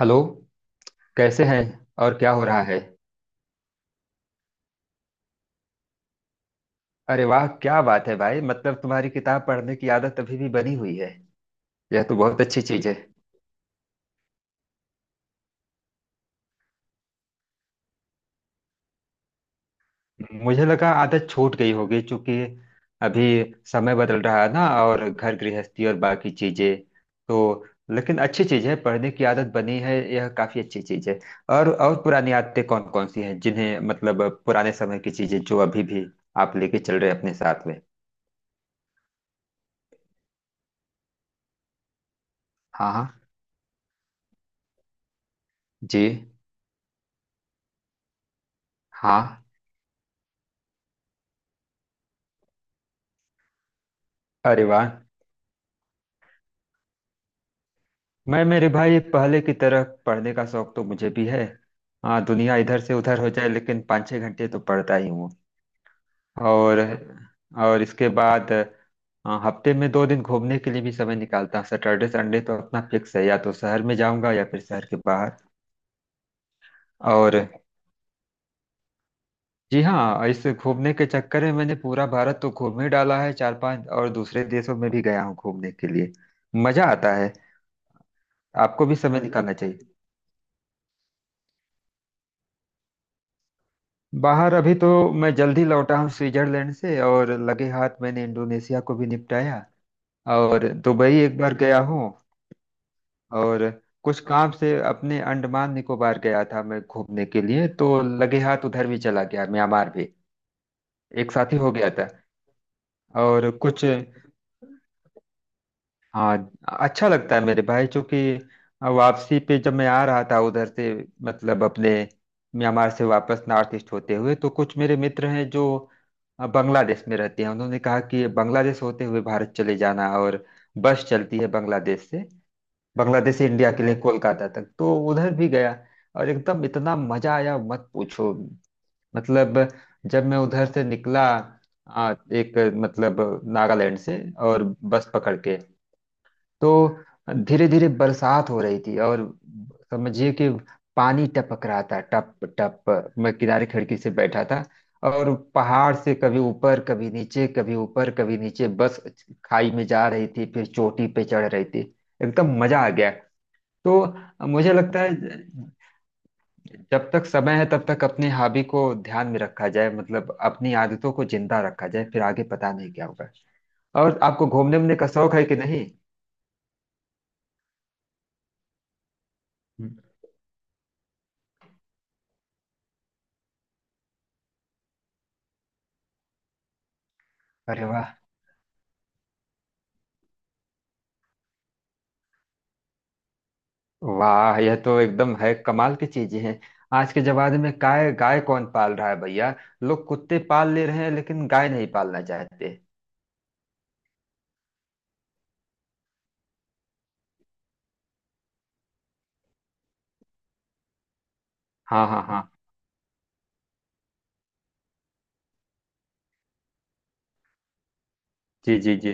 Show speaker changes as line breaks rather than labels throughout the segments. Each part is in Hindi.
हेलो। कैसे हैं? और क्या हो रहा है? अरे वाह, क्या बात है भाई! मतलब तुम्हारी किताब पढ़ने की आदत अभी भी बनी हुई है। यह तो बहुत अच्छी चीज है। मुझे लगा आदत छूट गई होगी, क्योंकि अभी समय बदल रहा है ना, और घर गृहस्थी और बाकी चीजें, तो... लेकिन अच्छी चीज है, पढ़ने की आदत बनी है, यह काफी अच्छी चीज है। और पुरानी आदतें कौन कौन सी हैं जिन्हें, मतलब, पुराने समय की चीजें जो अभी भी आप लेके चल रहे हैं अपने साथ में? हाँ, हाँ। जी हाँ। अरे वाह! मैं, मेरे भाई, पहले की तरह पढ़ने का शौक तो मुझे भी है। हाँ, दुनिया इधर से उधर हो जाए लेकिन 5-6 घंटे तो पढ़ता ही हूँ। और और इसके बाद... हाँ, हफ्ते में 2 दिन घूमने के लिए भी समय निकालता हूँ। सैटरडे, संडे तो अपना फिक्स है, या तो शहर में जाऊंगा या फिर शहर के बाहर। और जी हाँ, इस घूमने के चक्कर में मैंने पूरा भारत तो घूम ही डाला है। चार पांच और दूसरे देशों में भी गया हूँ घूमने के लिए। मजा आता है। आपको भी समय निकालना चाहिए। बाहर अभी तो मैं जल्दी लौटा हूँ स्विट्जरलैंड से, और लगे हाथ मैंने इंडोनेशिया को भी निपटाया। और दुबई एक बार गया हूँ। और कुछ काम से अपने अंडमान निकोबार गया था, मैं घूमने के लिए तो लगे हाथ उधर भी चला गया, म्यांमार भी, एक साथ ही हो गया था। और कुछ, हाँ। अच्छा लगता है मेरे भाई, चूंकि वापसी पे जब मैं आ रहा था उधर से, मतलब अपने म्यांमार से वापस नॉर्थ ईस्ट होते हुए, तो कुछ मेरे मित्र हैं जो बांग्लादेश में रहते हैं, उन्होंने कहा कि बांग्लादेश होते हुए भारत चले जाना। और बस चलती है बांग्लादेश से। बांग्लादेश से इंडिया के लिए कोलकाता तक, तो उधर भी गया। और एकदम इतना मजा आया, मत पूछो! मतलब जब मैं उधर से निकला, एक, मतलब, नागालैंड से, और बस पकड़ के तो धीरे धीरे बरसात हो रही थी, और समझिए कि पानी टपक रहा था, टप टप। मैं किनारे खिड़की से बैठा था, और पहाड़ से कभी ऊपर कभी नीचे कभी ऊपर कभी नीचे, बस खाई में जा रही थी, फिर चोटी पे चढ़ रही थी, एकदम मजा आ गया। तो मुझे लगता है जब तक समय है तब तक अपनी हॉबी को ध्यान में रखा जाए, मतलब अपनी आदतों को जिंदा रखा जाए, फिर आगे पता नहीं क्या होगा। और आपको घूमने वूमने का शौक है कि नहीं? अरे वाह, वाह! यह तो एकदम है, कमाल की चीजें हैं। आज के जमाने में गाय गाय कौन पाल रहा है भैया! लोग कुत्ते पाल ले रहे हैं लेकिन गाय नहीं पालना चाहते। हाँ, हाँ, हाँ। जी, जी, जी।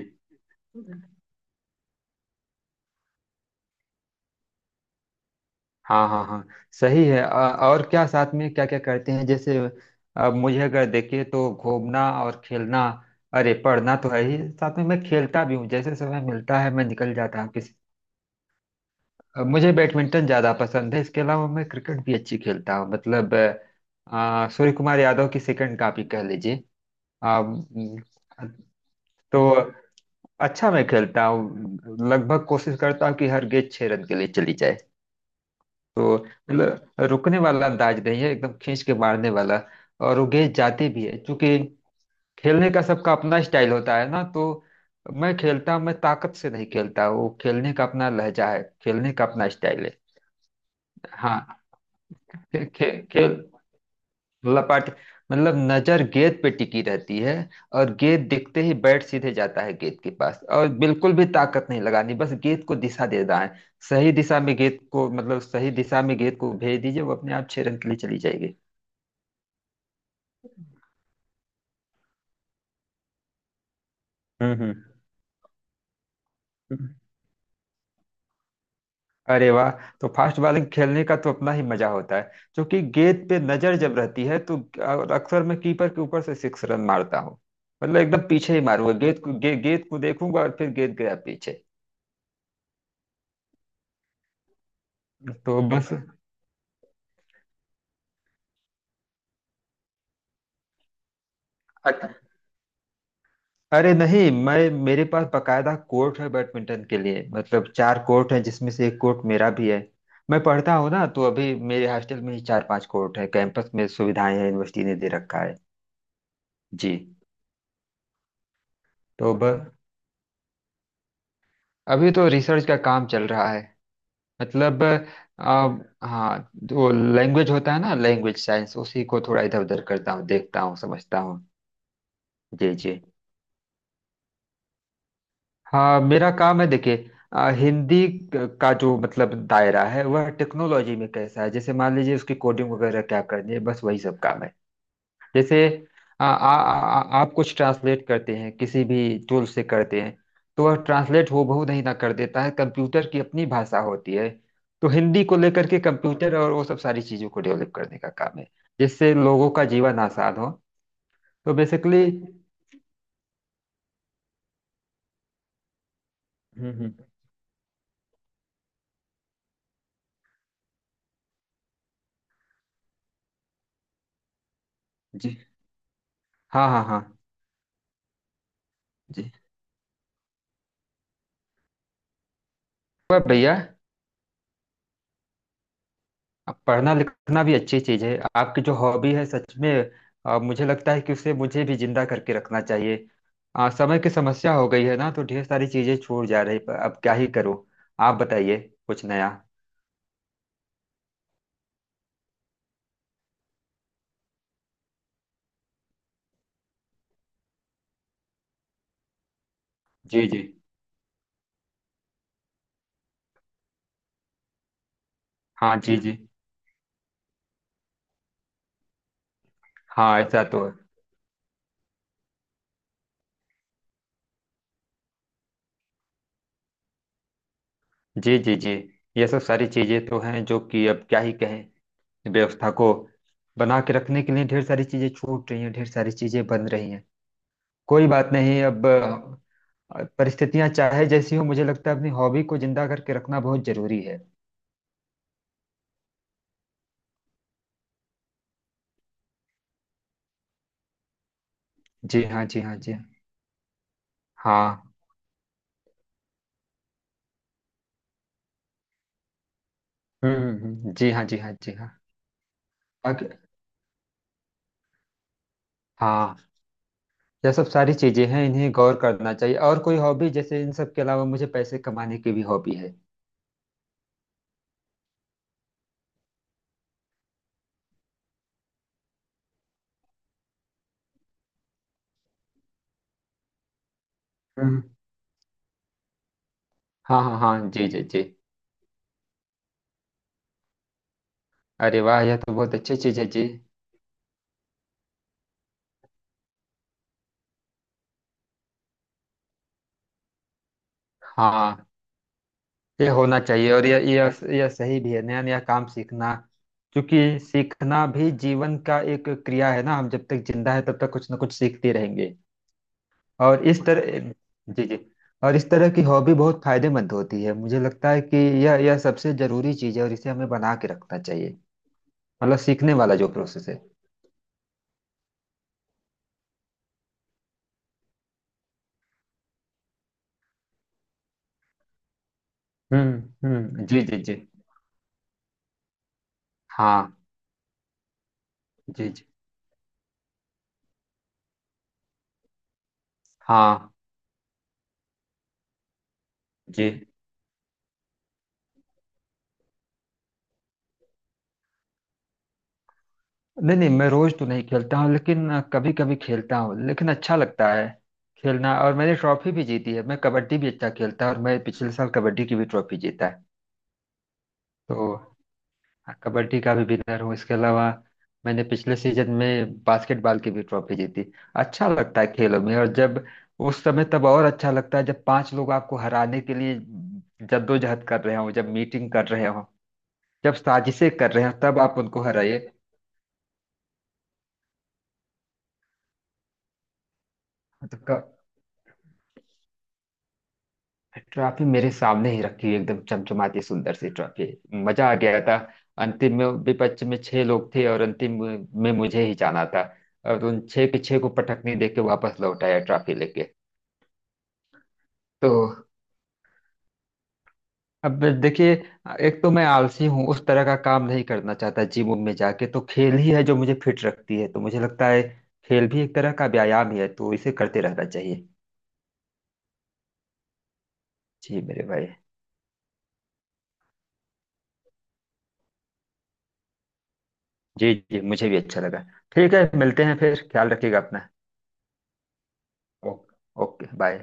हाँ, हाँ, हाँ। सही है। और क्या साथ में क्या क्या करते हैं, जैसे, अब मुझे अगर देखे तो घूमना और खेलना। अरे, पढ़ना तो है ही, साथ में मैं खेलता भी हूँ, जैसे समय मिलता है मैं निकल जाता हूँ। मुझे बैडमिंटन ज्यादा पसंद है, इसके अलावा मैं क्रिकेट भी अच्छी खेलता हूँ। मतलब, सूर्य कुमार यादव की सेकंड कॉपी कह लीजिए। अ, म, तो, अच्छा, मैं खेलता हूँ, लगभग कोशिश करता हूँ कि हर गेंद 6 रन के लिए चली जाए। तो मतलब रुकने वाला अंदाज नहीं है, एकदम खींच के मारने वाला। और वो गेंद जाती भी है, क्योंकि खेलने का सबका अपना स्टाइल होता है ना, तो मैं खेलता हूँ। मैं ताकत से नहीं खेलता, वो खेलने का अपना लहजा है, खेलने का अपना स्टाइल है। हाँ। खे, खे, खेल। लपाट, मतलब नजर गेंद पे टिकी रहती है, और गेंद दिखते ही बैट सीधे जाता है गेंद के पास, और बिल्कुल भी ताकत नहीं लगानी, बस गेंद को दिशा देना है। सही दिशा में गेंद को, मतलब सही दिशा में गेंद को भेज दीजिए, वो अपने आप 6 रन के लिए चली जाएगी। हम्म। हम्म। अरे वाह! तो फास्ट बॉलिंग खेलने का तो अपना ही मजा होता है, क्योंकि गेंद पे नजर जब रहती है तो... और अक्सर मैं कीपर के ऊपर से 6 रन मारता हूँ। मतलब एकदम पीछे ही मारूंगा गेंद को, गेंद को देखूंगा और फिर गेंद गया पीछे। तो बस। अच्छा। अरे नहीं, मैं, मेरे पास बकायदा कोर्ट है बैडमिंटन के लिए, मतलब चार कोर्ट है जिसमें से एक कोर्ट मेरा भी है। मैं पढ़ता हूँ ना, तो अभी मेरे हॉस्टल में ही चार पांच कोर्ट है, कैंपस में सुविधाएं हैं, यूनिवर्सिटी ने दे रखा है। जी। तो बस, अभी तो रिसर्च का काम चल रहा है, मतलब अब हाँ, जो लैंग्वेज होता है ना, लैंग्वेज साइंस, उसी को थोड़ा इधर उधर करता हूँ, देखता हूँ, समझता हूँ। जी, जी। हाँ, मेरा काम है, देखिए, हिंदी का जो मतलब दायरा है वह टेक्नोलॉजी में कैसा है, जैसे मान लीजिए उसकी कोडिंग वगैरह क्या करनी है, बस वही सब काम है। जैसे, अ, आ, आ, आ, आप कुछ ट्रांसलेट करते हैं किसी भी टूल से करते हैं, तो वह ट्रांसलेट हूबहू नहीं ना कर देता है, कंप्यूटर की अपनी भाषा होती है। तो हिंदी को लेकर के कंप्यूटर और वो सब सारी चीजों को डेवलप करने का काम है, जिससे लोगों का जीवन आसान हो। तो बेसिकली... हम्म। हम्म। जी। हाँ, हाँ, हाँ। जी। और भैया, अब पढ़ना लिखना भी अच्छी चीज है, आपकी जो हॉबी है सच में। मुझे लगता है कि उसे मुझे भी जिंदा करके रखना चाहिए। समय की समस्या हो गई है ना, तो ढेर सारी चीजें छूट जा रही, पर अब क्या ही करूं? आप बताइए कुछ नया। जी, जी। हाँ, जी, जी। हाँ ऐसा तो है। जी, जी, जी। ये सब सारी चीजें तो हैं, जो कि अब क्या ही कहें। व्यवस्था को बना के रखने के लिए ढेर सारी चीजें छूट रही हैं, ढेर सारी चीजें बन रही हैं। कोई बात नहीं अब। और परिस्थितियां चाहे जैसी हो, मुझे लगता है अपनी हॉबी को जिंदा करके रखना बहुत जरूरी है। जी हाँ, जी हाँ, जी हाँ। हाँ। हम्म, हम्म। जी हाँ, जी हाँ, जी हाँ। अग- हाँ, यह सब सारी चीजें हैं, इन्हें गौर करना चाहिए। और कोई हॉबी जैसे, इन सब के अलावा मुझे पैसे कमाने की भी हॉबी है। हम्म। हाँ, हाँ, हाँ। जी, जी, जी। अरे वाह, यह तो बहुत अच्छी चीज है जी। हाँ, ये होना चाहिए, और यह यह सही भी है, नया नया काम सीखना, क्योंकि सीखना भी जीवन का एक क्रिया है ना, हम जब तक जिंदा है तब तक कुछ ना कुछ सीखते रहेंगे। और इस तरह... जी, जी। और इस तरह की हॉबी बहुत फायदेमंद होती है, मुझे लगता है कि यह सबसे जरूरी चीज है और इसे हमें बना के रखना चाहिए, मतलब सीखने वाला जो प्रोसेस है। हम्म, हम्म। जी, जी, जी। हाँ, जी, जी। हाँ जी। नहीं नहीं, मैं रोज तो नहीं खेलता हूँ लेकिन कभी कभी खेलता हूँ, लेकिन अच्छा लगता है खेलना। और मैंने ट्रॉफी भी जीती है, मैं कबड्डी भी अच्छा खेलता हूँ और मैं पिछले साल कबड्डी की भी ट्रॉफी जीता है। तो हाँ, कबड्डी का भी विनर हूँ। इसके अलावा मैंने पिछले सीजन में बास्केटबॉल की भी ट्रॉफी जीती। अच्छा लगता है खेलों में, और जब, उस समय तब और अच्छा लगता है जब पांच लोग आपको हराने के लिए जद्दोजहद कर रहे हो, जब मीटिंग कर रहे हो, जब साजिशें कर रहे हो, तब आप उनको हराइए। तो ट्रॉफी मेरे सामने ही रखी हुई, एकदम चमचमाती सुंदर सी ट्रॉफी, मजा आ गया था। अंतिम में विपक्ष में छह लोग थे, और अंतिम में मुझे ही जाना था, और उन छह के छह को पटकनी देके वापस लौट आया ट्रॉफी लेके। तो अब देखिए, एक तो मैं आलसी हूँ, उस तरह का काम नहीं करना चाहता, जिम में जाके, तो खेल ही है जो मुझे फिट रखती है, तो मुझे लगता है खेल भी एक तरह का व्यायाम ही है, तो इसे करते रहना चाहिए। जी मेरे भाई। जी जी, मुझे भी अच्छा लगा। ठीक है, मिलते हैं फिर, ख्याल रखिएगा अपना। Okay, okay, bye.